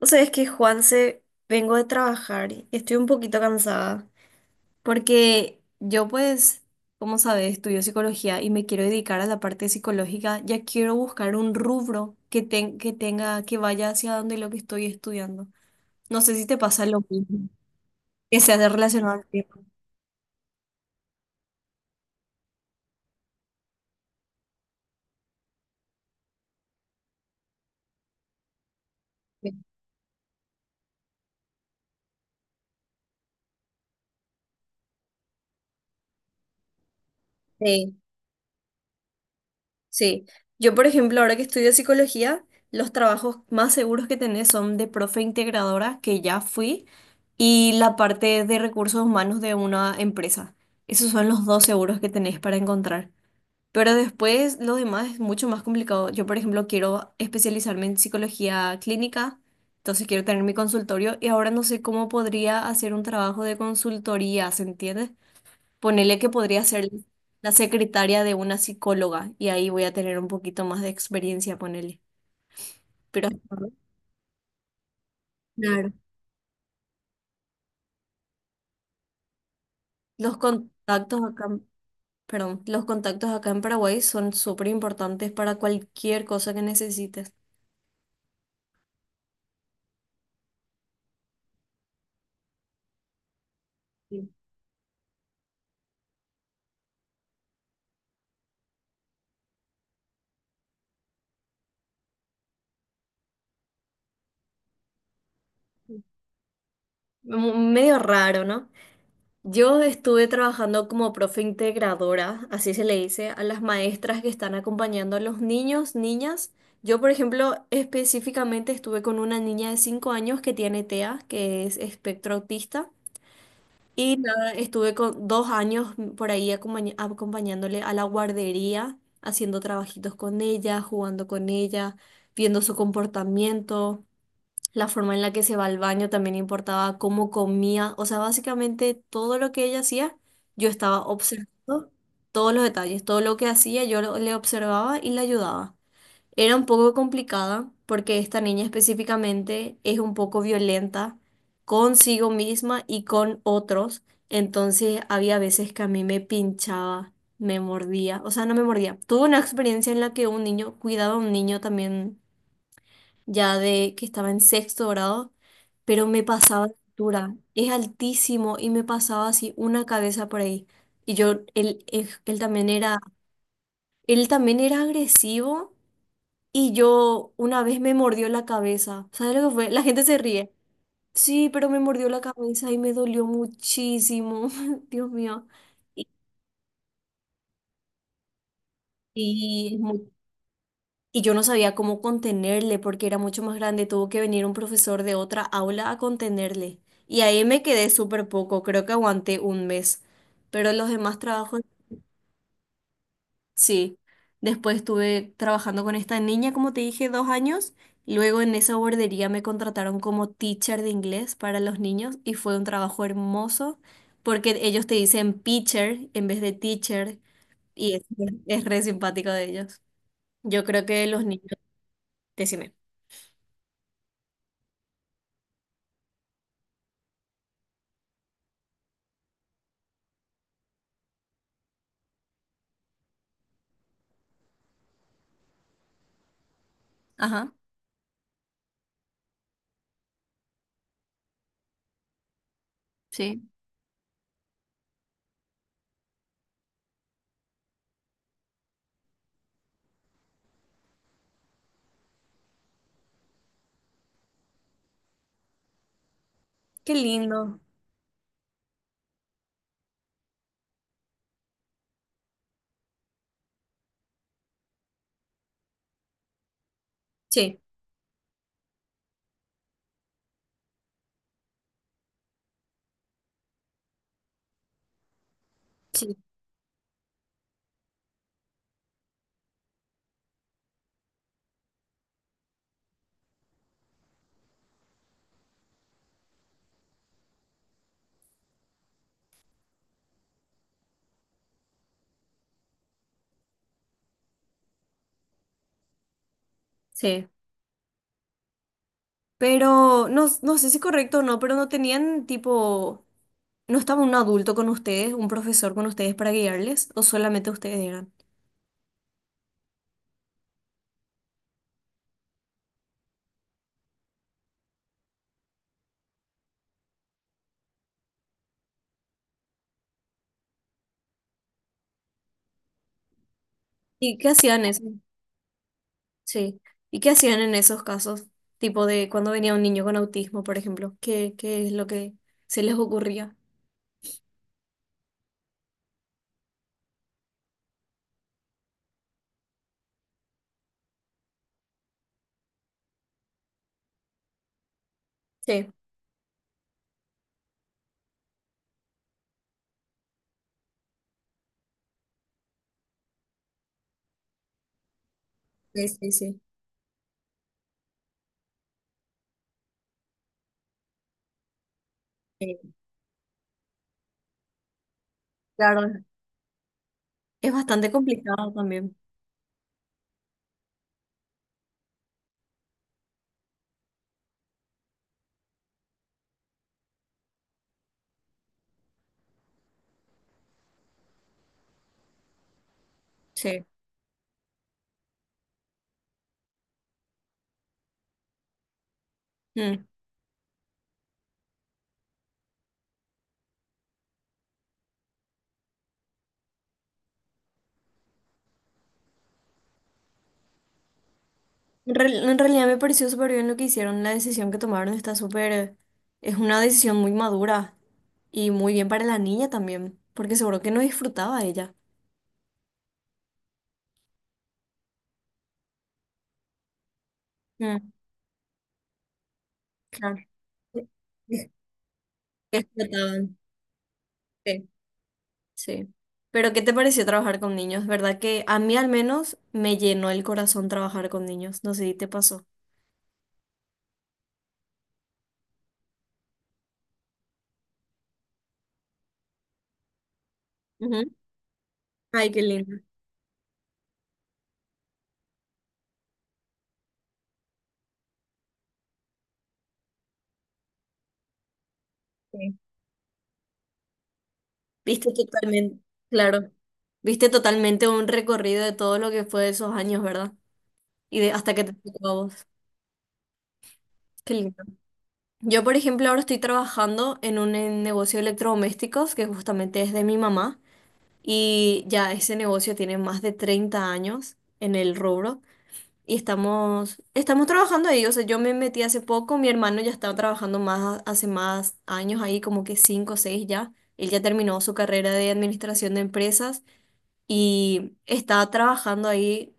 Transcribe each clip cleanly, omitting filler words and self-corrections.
Vos sabés que Juanse, vengo de trabajar y estoy un poquito cansada porque yo pues, como sabés, estudio psicología y me quiero dedicar a la parte psicológica. Ya quiero buscar un rubro que tenga, que vaya hacia donde lo que estoy estudiando. No sé si te pasa lo mismo, que sea de relacionado al tema. Sí. Sí, yo por ejemplo, ahora que estudio psicología, los trabajos más seguros que tenés son de profe integradora, que ya fui, y la parte de recursos humanos de una empresa. Esos son los dos seguros que tenés para encontrar. Pero después lo demás es mucho más complicado. Yo, por ejemplo, quiero especializarme en psicología clínica, entonces quiero tener mi consultorio y ahora no sé cómo podría hacer un trabajo de consultoría, ¿se entiende? Ponele que podría ser la secretaria de una psicóloga y ahí voy a tener un poquito más de experiencia, ponele. Pero claro, los contactos acá, en- perdón, los contactos acá en Paraguay son súper importantes para cualquier cosa que necesites. Sí. Medio raro, ¿no? Yo estuve trabajando como profe integradora, así se le dice, a las maestras que están acompañando a los niños, niñas. Yo, por ejemplo, específicamente estuve con una niña de 5 años que tiene TEA, que es espectro autista, y nada, estuve con 2 años por ahí acompañándole a la guardería, haciendo trabajitos con ella, jugando con ella, viendo su comportamiento. La forma en la que se va al baño también importaba, cómo comía, o sea, básicamente todo lo que ella hacía, yo estaba observando todos los detalles, todo lo que hacía, yo le observaba y le ayudaba. Era un poco complicada porque esta niña específicamente es un poco violenta consigo misma y con otros, entonces había veces que a mí me pinchaba, me mordía, o sea, no me mordía. Tuve una experiencia en la que un niño cuidaba a un niño también ya de que estaba en sexto grado, pero me pasaba la altura, es altísimo y me pasaba así una cabeza por ahí. Y yo, él también era, él también era agresivo y yo una vez me mordió la cabeza. ¿Sabes lo que fue? La gente se ríe. Sí, pero me mordió la cabeza y me dolió muchísimo. Dios mío. Y, y es muy. Y yo no sabía cómo contenerle porque era mucho más grande. Tuvo que venir un profesor de otra aula a contenerle. Y ahí me quedé súper poco. Creo que aguanté un mes. Pero los demás trabajos, sí. Después estuve trabajando con esta niña, como te dije, 2 años. Luego en esa guardería me contrataron como teacher de inglés para los niños y fue un trabajo hermoso porque ellos te dicen pitcher en vez de teacher y es re simpático de ellos. Yo creo que los niños, decime. Ajá. Sí. Qué lindo. Sí, sí, sí. Pero no, no sé si es correcto o no, pero no tenían tipo, ¿no estaba un adulto con ustedes, un profesor con ustedes para guiarles? ¿O solamente ustedes eran? ¿Y qué hacían eso? Sí. ¿Y qué hacían en esos casos? Tipo de cuando venía un niño con autismo, por ejemplo. ¿Qué, qué es lo que se les ocurría? Sí, sí, sí, sí. Sí, claro, es bastante complicado también. Sí. Mm. En realidad me pareció súper bien lo que hicieron, la decisión que tomaron está súper, es una decisión muy madura y muy bien para la niña también, porque seguro que no disfrutaba ella. Mm, claro. Que- que explotaban. Sí. Sí. Pero ¿qué te pareció trabajar con niños? ¿Verdad que a mí al menos me llenó el corazón trabajar con niños? No sé si te pasó. Ujú. Ay, qué lindo. Sí. Viste totalmente, claro, viste totalmente un recorrido de todo lo que fue esos años, ¿verdad? Y de hasta que te tocó a vos. Qué lindo. Yo, por ejemplo, ahora estoy trabajando en un negocio de electrodomésticos que justamente es de mi mamá y ya ese negocio tiene más de 30 años en el rubro y estamos trabajando ahí. O sea, yo me metí hace poco, mi hermano ya estaba trabajando más, hace más años ahí, como que 5 o 6 ya. Él ya terminó su carrera de administración de empresas y está trabajando ahí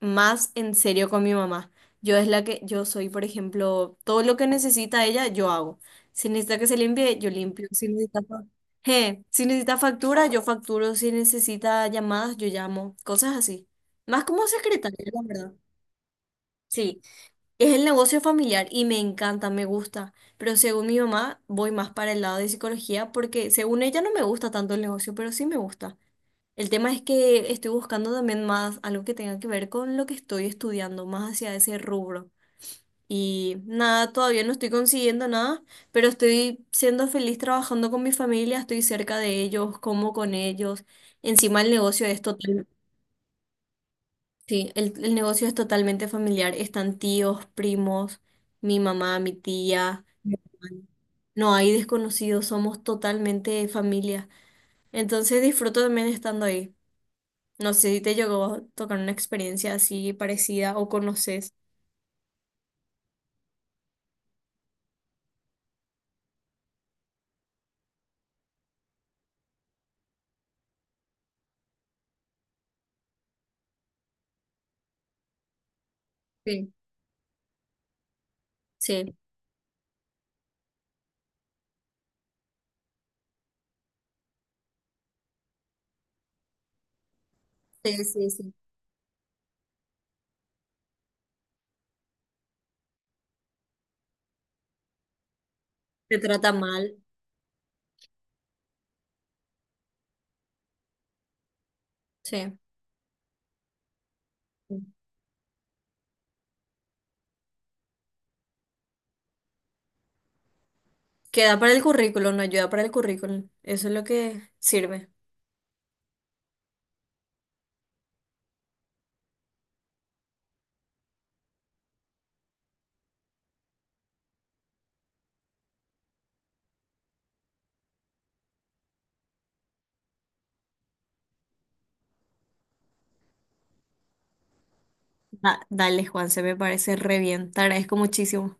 más en serio con mi mamá. Yo es la que, yo soy, por ejemplo, todo lo que necesita ella, yo hago. Si necesita que se limpie, yo limpio. Si necesita, si necesita factura, yo facturo. Si necesita llamadas, yo llamo. Cosas así. Más como secretaria, la verdad. Sí, es el negocio familiar y me encanta, me gusta. Pero según mi mamá, voy más para el lado de psicología porque según ella no me gusta tanto el negocio, pero sí me gusta. El tema es que estoy buscando también más algo que tenga que ver con lo que estoy estudiando, más hacia ese rubro. Y nada, todavía no estoy consiguiendo nada, pero estoy siendo feliz trabajando con mi familia, estoy cerca de ellos, como con ellos. Encima el negocio es total, sí, el negocio es totalmente familiar. Están tíos, primos, mi mamá, mi tía, mi hermano. No hay desconocidos, somos totalmente familia. Entonces disfruto también estando ahí. No sé si te llegó a tocar una experiencia así parecida o conoces. Sí, sí, sí, sí, sí. Te trata mal. Sí. Queda para el currículum, no ayuda para el currículum. Eso es lo que sirve. Dale, Juan, se me parece re bien. Te agradezco muchísimo.